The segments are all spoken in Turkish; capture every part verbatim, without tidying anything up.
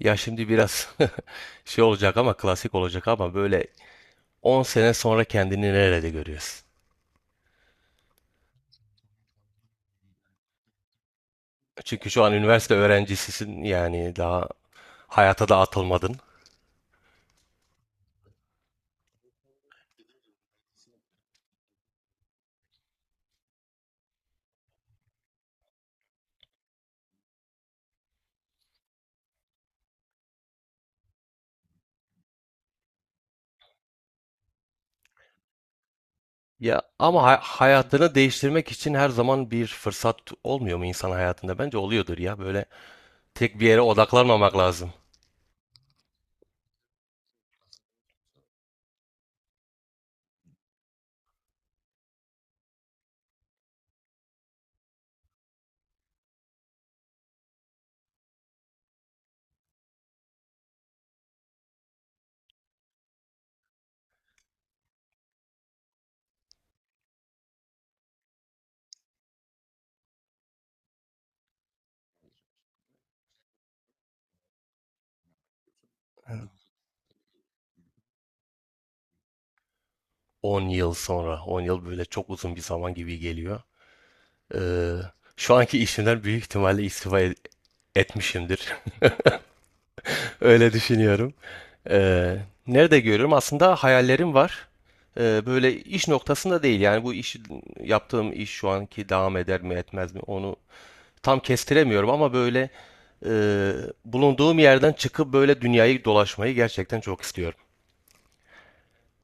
Ya şimdi biraz şey olacak ama klasik olacak ama böyle on sene sonra kendini nerede görüyorsun? Çünkü şu an üniversite öğrencisisin yani daha hayata da atılmadın. Ya ama hay- hayatını değiştirmek için her zaman bir fırsat olmuyor mu insan hayatında? Bence oluyordur ya böyle tek bir yere odaklanmamak lazım. On yıl sonra, on yıl böyle çok uzun bir zaman gibi geliyor. Ee, Şu anki işimden büyük ihtimalle istifa e- etmişimdir. Öyle düşünüyorum. Ee, Nerede görüyorum? Aslında hayallerim var. Ee, böyle iş noktasında değil. Yani bu iş yaptığım iş şu anki devam eder mi etmez mi onu tam kestiremiyorum ama böyle e, bulunduğum yerden çıkıp böyle dünyayı dolaşmayı gerçekten çok istiyorum.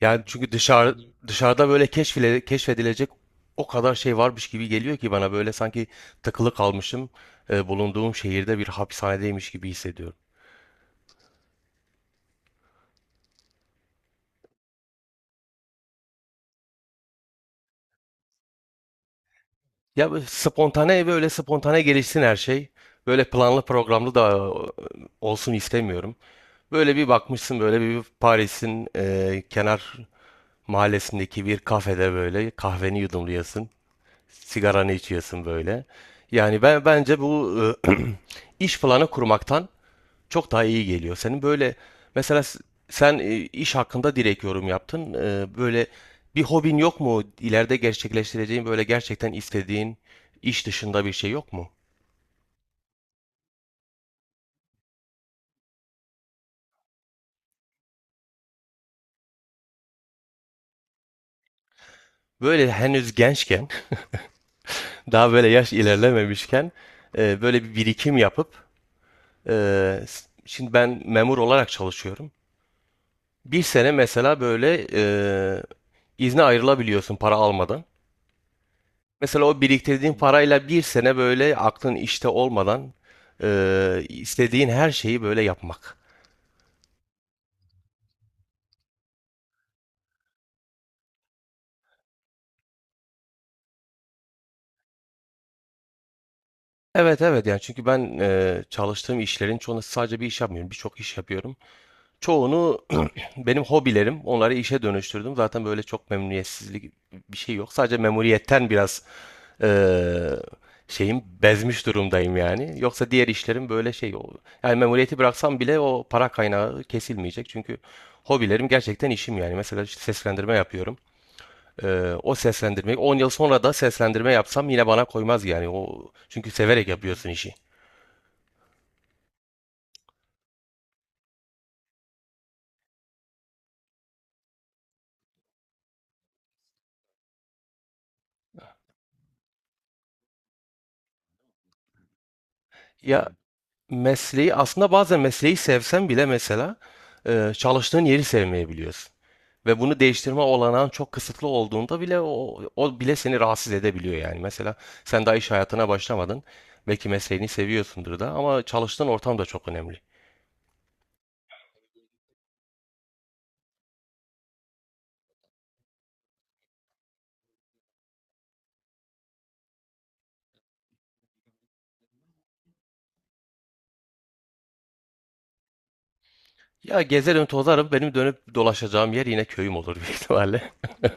Yani çünkü dışarı dışarıda böyle keşfile, keşfedilecek o kadar şey varmış gibi geliyor ki bana böyle sanki takılı kalmışım, e, bulunduğum şehirde bir hapishanedeymiş gibi hissediyorum. Ya böyle spontane ve öyle spontane gelişsin her şey. Böyle planlı programlı da e, olsun istemiyorum. Böyle bir bakmışsın böyle bir Paris'in e, kenar mahallesindeki bir kafede böyle kahveni yudumluyorsun. Sigaranı içiyorsun böyle. Yani ben bence bu e, iş planı kurmaktan çok daha iyi geliyor. Senin böyle mesela s- sen e, iş hakkında direkt yorum yaptın. E, böyle bir hobin yok mu? İleride gerçekleştireceğin böyle gerçekten istediğin iş dışında bir şey yok mu? Böyle henüz gençken, daha böyle yaş ilerlememişken e, böyle bir birikim yapıp e, s- şimdi ben memur olarak çalışıyorum. Bir sene mesela böyle e, izne ayrılabiliyorsun para almadan. Mesela o biriktirdiğin parayla bir sene böyle aklın işte olmadan e, istediğin her şeyi böyle yapmak. Evet, evet, yani çünkü ben e, çalıştığım işlerin çoğunda sadece bir iş yapmıyorum. Birçok iş yapıyorum. Çoğunu benim hobilerim, onları işe dönüştürdüm. Zaten böyle çok memnuniyetsizlik bir şey yok. Sadece memuriyetten biraz eee şeyim bezmiş durumdayım yani. Yoksa diğer işlerim böyle şey o- yani memuriyeti bıraksam bile o para kaynağı kesilmeyecek. Çünkü hobilerim gerçekten işim yani. Mesela işte seslendirme yapıyorum. Eee, o seslendirmeyi on yıl sonra da seslendirme yapsam yine bana koymaz yani. O çünkü severek yapıyorsun işi. Ya mesleği aslında bazen mesleği sevsen bile mesela e, çalıştığın yeri sevmeyebiliyorsun. Ve bunu değiştirme olanağın çok kısıtlı olduğunda bile o, o bile seni rahatsız edebiliyor yani. Mesela sen daha iş hayatına başlamadın. Belki mesleğini seviyorsundur da ama çalıştığın ortam da çok önemli. Ya gezerim tozarım benim dönüp dolaşacağım yer yine köyüm olur büyük ihtimalle.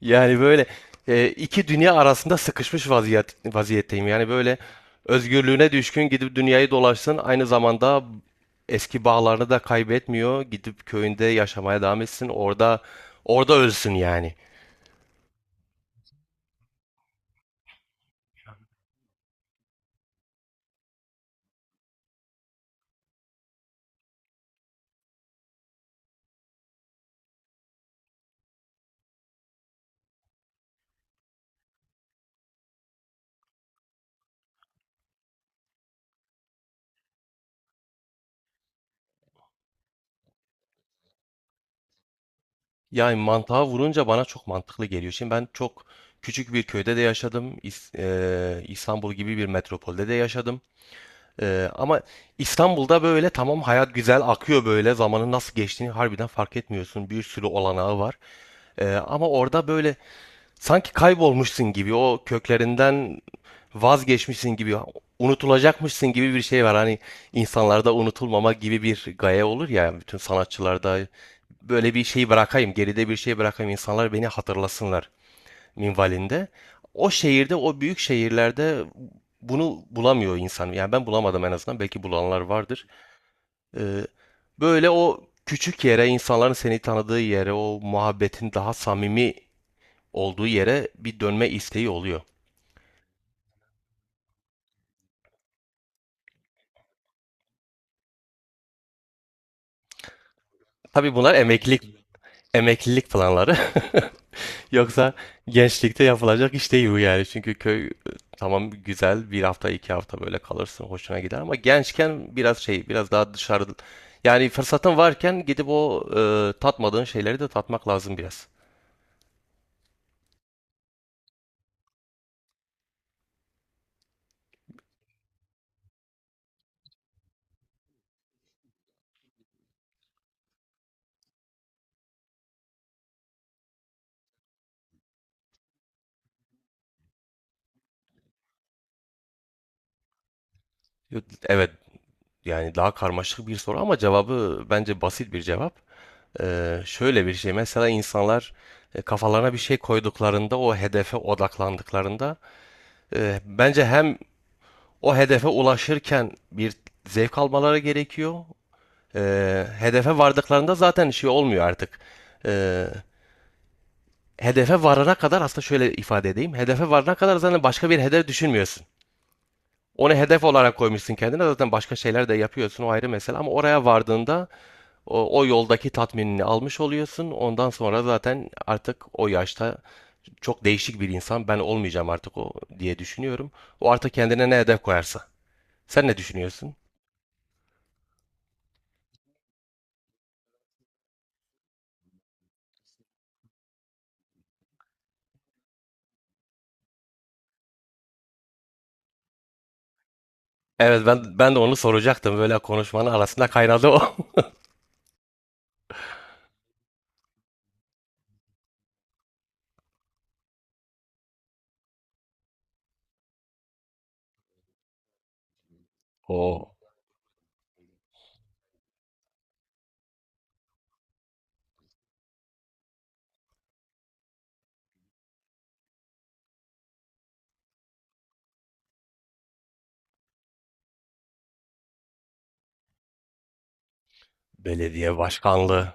Yani böyle e, iki dünya arasında sıkışmış vaziyet, vaziyetteyim. Yani böyle özgürlüğüne düşkün gidip dünyayı dolaşsın. Aynı zamanda eski bağlarını da kaybetmiyor. Gidip köyünde yaşamaya devam etsin. Orada orada ölsün yani. Yani mantığa vurunca bana çok mantıklı geliyor. Şimdi ben çok küçük bir köyde de yaşadım. İs- e, İstanbul gibi bir metropolde de yaşadım. Ee, ama İstanbul'da böyle tamam hayat güzel akıyor böyle zamanın nasıl geçtiğini harbiden fark etmiyorsun. Bir sürü olanağı var. Ee, ama orada böyle sanki kaybolmuşsun gibi o köklerinden vazgeçmişsin gibi unutulacakmışsın gibi bir şey var. Hani insanlarda unutulmama gibi bir gaye olur ya bütün sanatçılarda böyle bir şey bırakayım geride bir şey bırakayım insanlar beni hatırlasınlar minvalinde. O şehirde, o büyük şehirlerde bunu bulamıyor insan. Yani ben bulamadım en azından. Belki bulanlar vardır. Ee, Böyle o küçük yere, insanların seni tanıdığı yere, o muhabbetin daha samimi olduğu yere bir dönme isteği oluyor. Tabii bunlar emeklilik Emeklilik planları. Yoksa gençlikte yapılacak iş değil bu yani. Çünkü köy e, tamam güzel bir hafta iki hafta böyle kalırsın hoşuna gider ama gençken biraz şey biraz daha dışarı yani fırsatın varken gidip o e, tatmadığın şeyleri de tatmak lazım biraz. Evet, yani daha karmaşık bir soru ama cevabı bence basit bir cevap. E, şöyle bir şey mesela insanlar e, kafalarına bir şey koyduklarında o hedefe odaklandıklarında e, bence hem o hedefe ulaşırken bir zevk almaları gerekiyor. Ee, hedefe vardıklarında zaten şey olmuyor artık. Ee, Hedefe varana kadar aslında şöyle ifade edeyim. Hedefe varana kadar zaten başka bir hedef düşünmüyorsun. Onu hedef olarak koymuşsun kendine zaten başka şeyler de yapıyorsun o ayrı mesele ama oraya vardığında o, o yoldaki tatminini almış oluyorsun. Ondan sonra zaten artık o yaşta çok değişik bir insan ben olmayacağım artık o diye düşünüyorum. O artık kendine ne hedef koyarsa. Sen ne düşünüyorsun? Evet, ben ben de onu soracaktım. Böyle konuşmanın arasında kaynadı o. O belediye başkanlığı.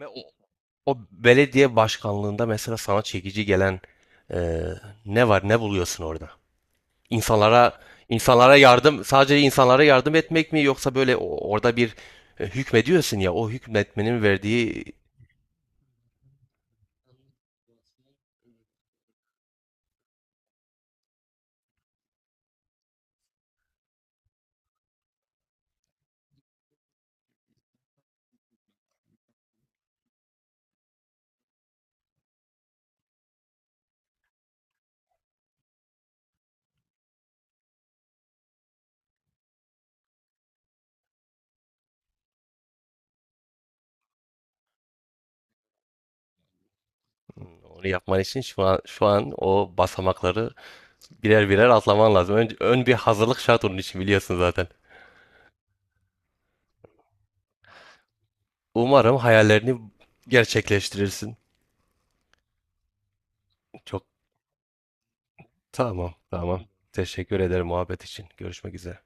Ve o, o belediye başkanlığında mesela sana çekici gelen e, ne var? Ne buluyorsun orada? İnsanlara, insanlara yardım, sadece insanlara yardım etmek mi yoksa böyle o- orada bir e, hükmediyorsun ya o hükmetmenin verdiği onu yapman için şu an şu an o basamakları birer birer atlaman lazım. Önce ön bir hazırlık şart onun için biliyorsun zaten. Umarım hayallerini gerçekleştirirsin. Çok tamam, tamam. Teşekkür ederim muhabbet için. Görüşmek üzere.